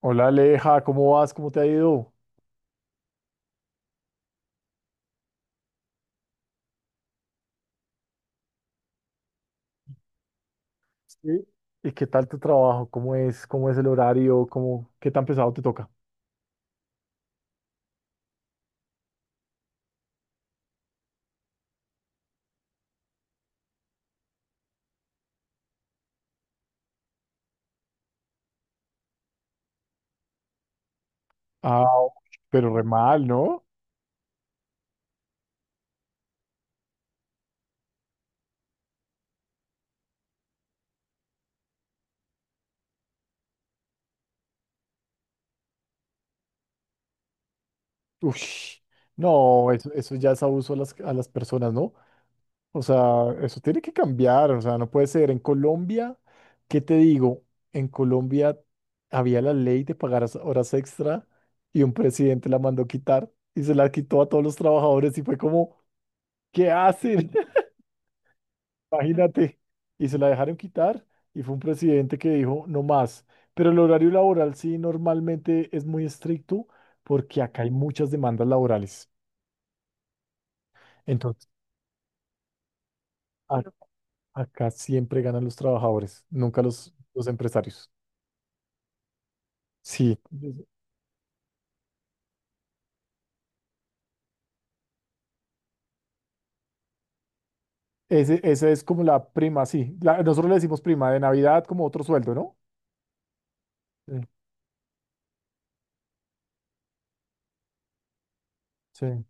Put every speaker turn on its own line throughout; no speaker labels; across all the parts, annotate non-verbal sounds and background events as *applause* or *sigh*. Hola Aleja, ¿cómo vas? ¿Cómo te ha ido? Sí. ¿Y qué tal tu trabajo? ¿Cómo es? ¿Cómo es el horario? ¿Cómo... ¿Qué tan pesado te toca? Ah, pero re mal, ¿no? Ush, no, eso ya es abuso a las personas, ¿no? O sea, eso tiene que cambiar, o sea, no puede ser. En Colombia, ¿qué te digo? En Colombia había la ley de pagar horas extra y un presidente la mandó quitar y se la quitó a todos los trabajadores y fue como, ¿qué hacen? Imagínate, y se la dejaron quitar y fue un presidente que dijo no más. Pero el horario laboral sí normalmente es muy estricto porque acá hay muchas demandas laborales. Entonces, a- acá siempre ganan los trabajadores, nunca los empresarios. Sí, ese, esa es como la prima, sí. Nosotros le decimos prima de Navidad como otro sueldo, ¿no? Sí, sí,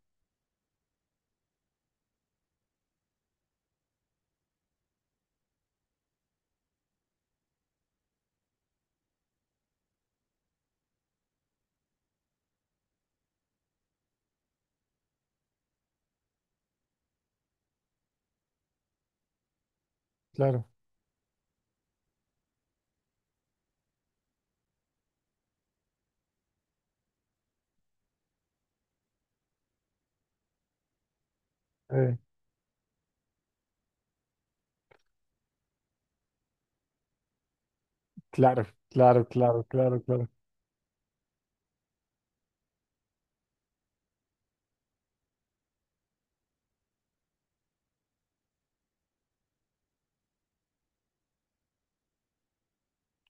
claro. eh, claro, claro, claro, claro, claro.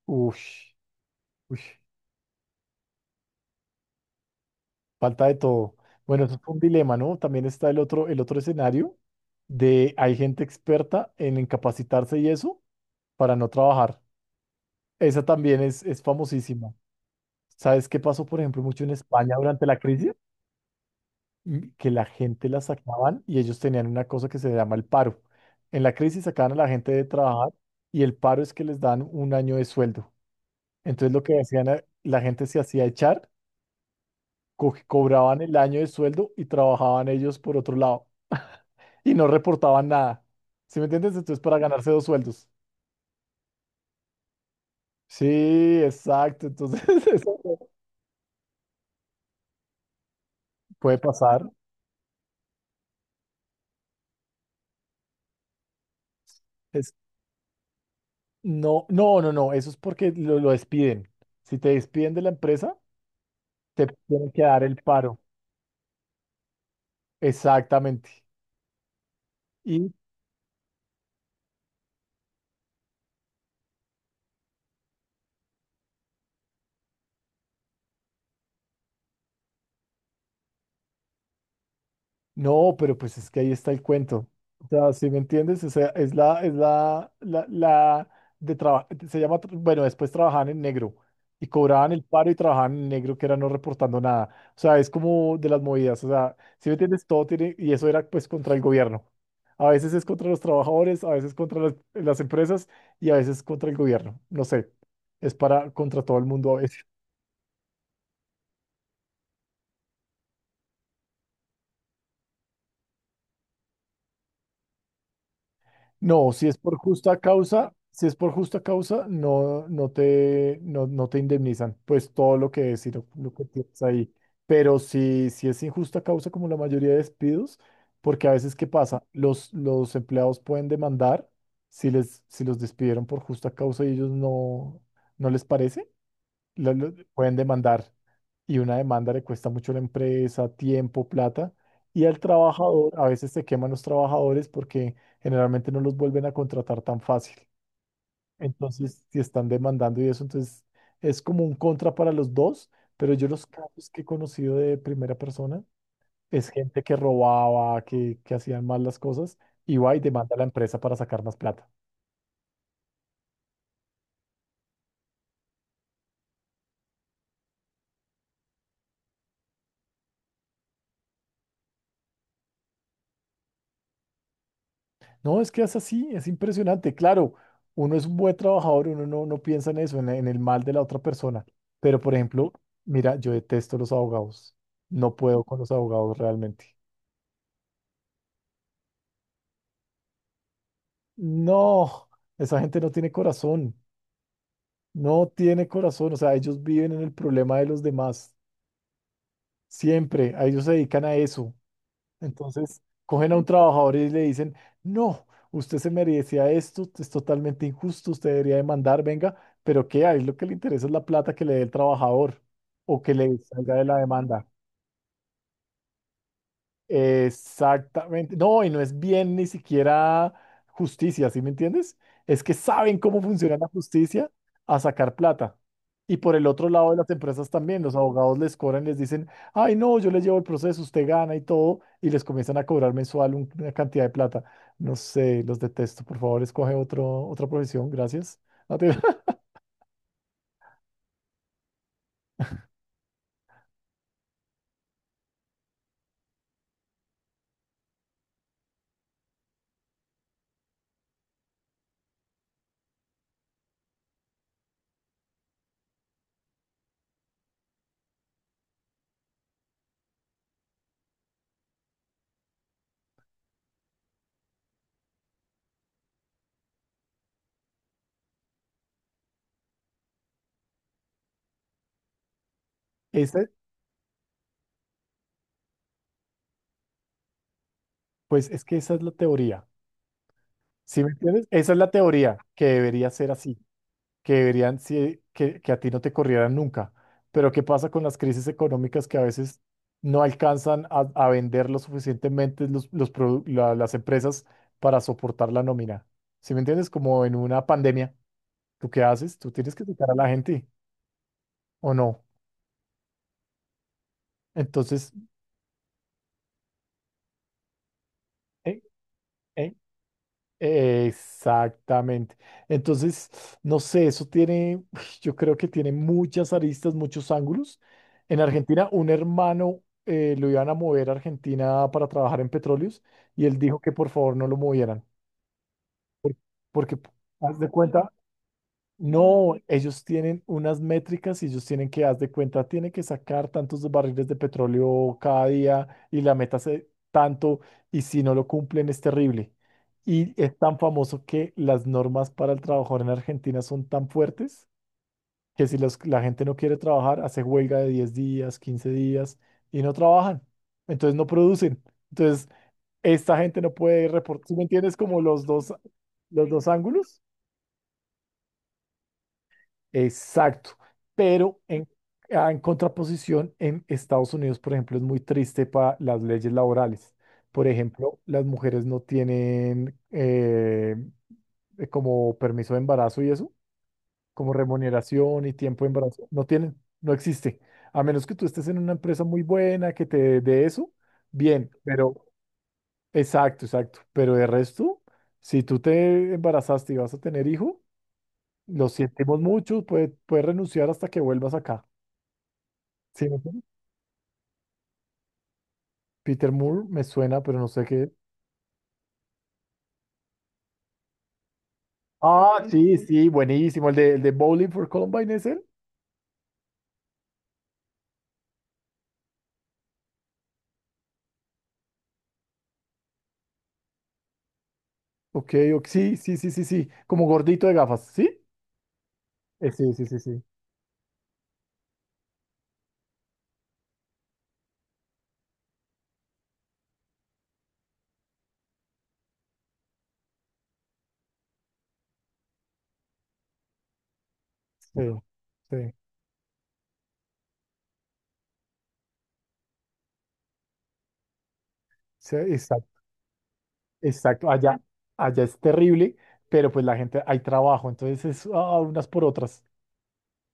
Ush, ush. Falta de todo. Bueno, eso fue un dilema, ¿no? También está el otro escenario de hay gente experta en incapacitarse y eso para no trabajar. Esa también es famosísima. ¿Sabes qué pasó, por ejemplo, mucho en España durante la crisis? Mm, que la gente la sacaban y ellos tenían una cosa que se llama el paro. En la crisis sacaban a la gente de trabajar y el paro es que les dan un año de sueldo. Entonces lo que hacían, la gente se hacía echar, cobraban el año de sueldo y trabajaban ellos por otro lado. Y no reportaban nada. ¿Sí me entiendes? Entonces, para ganarse dos sueldos. Sí, exacto. Entonces, *laughs* eso puede pasar. Es, no, no, no, no. Eso es porque lo despiden. Si te despiden de la empresa, te tienen que dar el paro. Exactamente. Y no, pero pues es que ahí está el cuento. O sea, ¿si me entiendes? O sea, es la de trabajo, se llama, bueno, después trabajaban en negro y cobraban el paro y trabajaban en negro, que era no reportando nada. O sea, es como de las movidas. O sea, ¿si me entiendes? Todo tiene, y eso era pues contra el gobierno. A veces es contra los trabajadores, a veces contra las empresas y a veces contra el gobierno. No sé, es para contra todo el mundo a veces. No, si es por justa causa, si es por justa causa, no te indemnizan, pues todo lo que es y lo que tienes ahí. Pero si, si es injusta causa, como la mayoría de despidos, porque a veces, ¿qué pasa? Los empleados pueden demandar si les, si los despidieron por justa causa y ellos no, no les parece pueden demandar y una demanda le cuesta mucho a la empresa, tiempo, plata y al trabajador, a veces se queman los trabajadores porque generalmente no los vuelven a contratar tan fácil. Entonces, si están demandando y eso, entonces es como un contra para los dos, pero yo los casos que he conocido de primera persona es gente que robaba, que hacían mal las cosas y va y demanda a la empresa para sacar más plata. No, es que es así, es impresionante. Claro, uno es un buen trabajador, uno no, no piensa en eso, en el mal de la otra persona. Pero, por ejemplo, mira, yo detesto los abogados. No puedo con los abogados realmente. No, esa gente no tiene corazón, no tiene corazón. O sea, ellos viven en el problema de los demás. Siempre, a ellos se dedican a eso. Entonces, cogen a un trabajador y le dicen, no, usted se merecía esto, es totalmente injusto, usted debería demandar, venga, pero ¿qué? Ahí lo que le interesa es la plata que le dé el trabajador o que le salga de la demanda. Exactamente. No, y no es bien ni siquiera justicia, ¿sí me entiendes? Es que saben cómo funciona la justicia a sacar plata. Y por el otro lado de las empresas también, los abogados les cobran, les dicen, ay, no, yo les llevo el proceso, usted gana y todo, y les comienzan a cobrar mensual una cantidad de plata. No sé, los detesto. Por favor, escoge otro, otra profesión, gracias. No te- *laughs* Ese- pues es que esa es la teoría, ¿sí me entiendes? Esa es la teoría que debería ser así. Que deberían, sí, que a ti no te corrieran nunca. Pero ¿qué pasa con las crisis económicas que a veces no alcanzan a vender lo suficientemente los, las empresas para soportar la nómina? ¿Sí me entiendes? Como en una pandemia, ¿tú qué haces? Tú tienes que sacar a la gente o no. Entonces, ¿en, en exactamente. Entonces, no sé, eso tiene, *sighs* yo creo que tiene muchas aristas, muchos ángulos. En Argentina, un hermano lo iban a mover a Argentina para trabajar en petróleos y él dijo que por favor no lo movieran, porque haz de cuenta, no, ellos tienen unas métricas y ellos tienen que, haz de cuenta, tienen que sacar tantos barriles de petróleo cada día y la meta es tanto y si no lo cumplen es terrible. Y es tan famoso que las normas para el trabajador en Argentina son tan fuertes que si la gente no quiere trabajar, hace huelga de 10 días, 15 días y no trabajan. Entonces no producen. Entonces esta gente no puede reportar. ¿Sí me entiendes? Como los dos ángulos. Exacto, pero en, ah, en contraposición, en Estados Unidos, por ejemplo, es muy triste para las leyes laborales. Por ejemplo, las mujeres no tienen como permiso de embarazo y eso, como remuneración y tiempo de embarazo. No tienen, no existe. A menos que tú estés en una empresa muy buena que te dé eso, bien, pero exacto, exacto. Pero de resto, si tú te embarazaste y vas a tener hijo, lo sentimos mucho, puedes renunciar hasta que vuelvas acá. Sí, me suena. Peter Moore me suena, pero no sé qué. Ah, sí, sí, sí. Sí, buenísimo. El de Bowling for Columbine es él? Ok, ok, sí, sí, sí, sí, sí. Como gordito de gafas, ¿sí? Sí, sí, sí, sí. Sí, sí, sí, exacto, exacto. Allá, allá es terrible, pero pues la gente, hay trabajo, entonces es ah, unas por otras.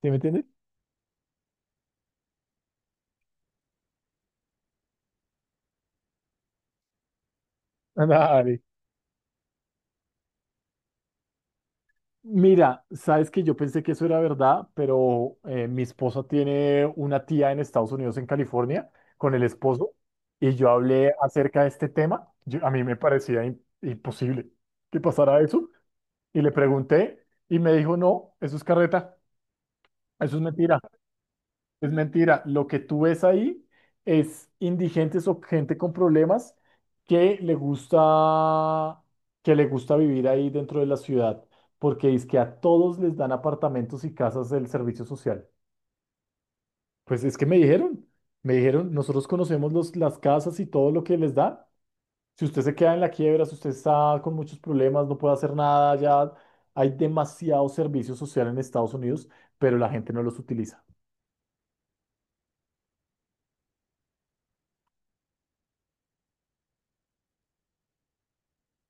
¿Sí me entiendes? *laughs* Dale. Mira, sabes que yo pensé que eso era verdad, pero mi esposa tiene una tía en Estados Unidos, en California, con el esposo, y yo hablé acerca de este tema. A mí me parecía imposible que pasara eso, y le pregunté, y me dijo, no, eso es carreta, eso es mentira. Es mentira. Lo que tú ves ahí es indigentes o gente con problemas que le gusta, que le gusta vivir ahí dentro de la ciudad, porque es que a todos les dan apartamentos y casas del servicio social. Pues es que me dijeron, nosotros conocemos los, las casas y todo lo que les dan. Si usted se queda en la quiebra, si usted está con muchos problemas, no puede hacer nada, ya hay demasiado servicio social en Estados Unidos, pero la gente no los utiliza.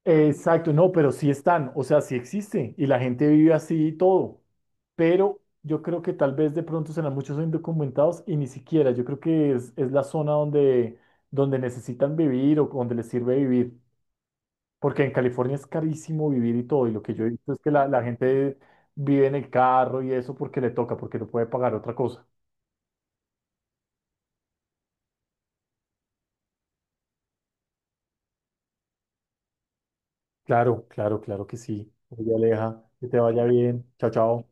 Exacto, no, pero sí están, o sea, sí existe y la gente vive así y todo, pero yo creo que tal vez de pronto serán muchos indocumentados y ni siquiera, yo creo que es la zona donde, donde necesitan vivir o donde les sirve vivir, porque en California es carísimo vivir y todo, y lo que yo he visto es que la gente vive en el carro y eso porque le toca, porque no puede pagar otra cosa. Claro, claro, claro que sí. Oye, Aleja, que te vaya bien, chao, chao.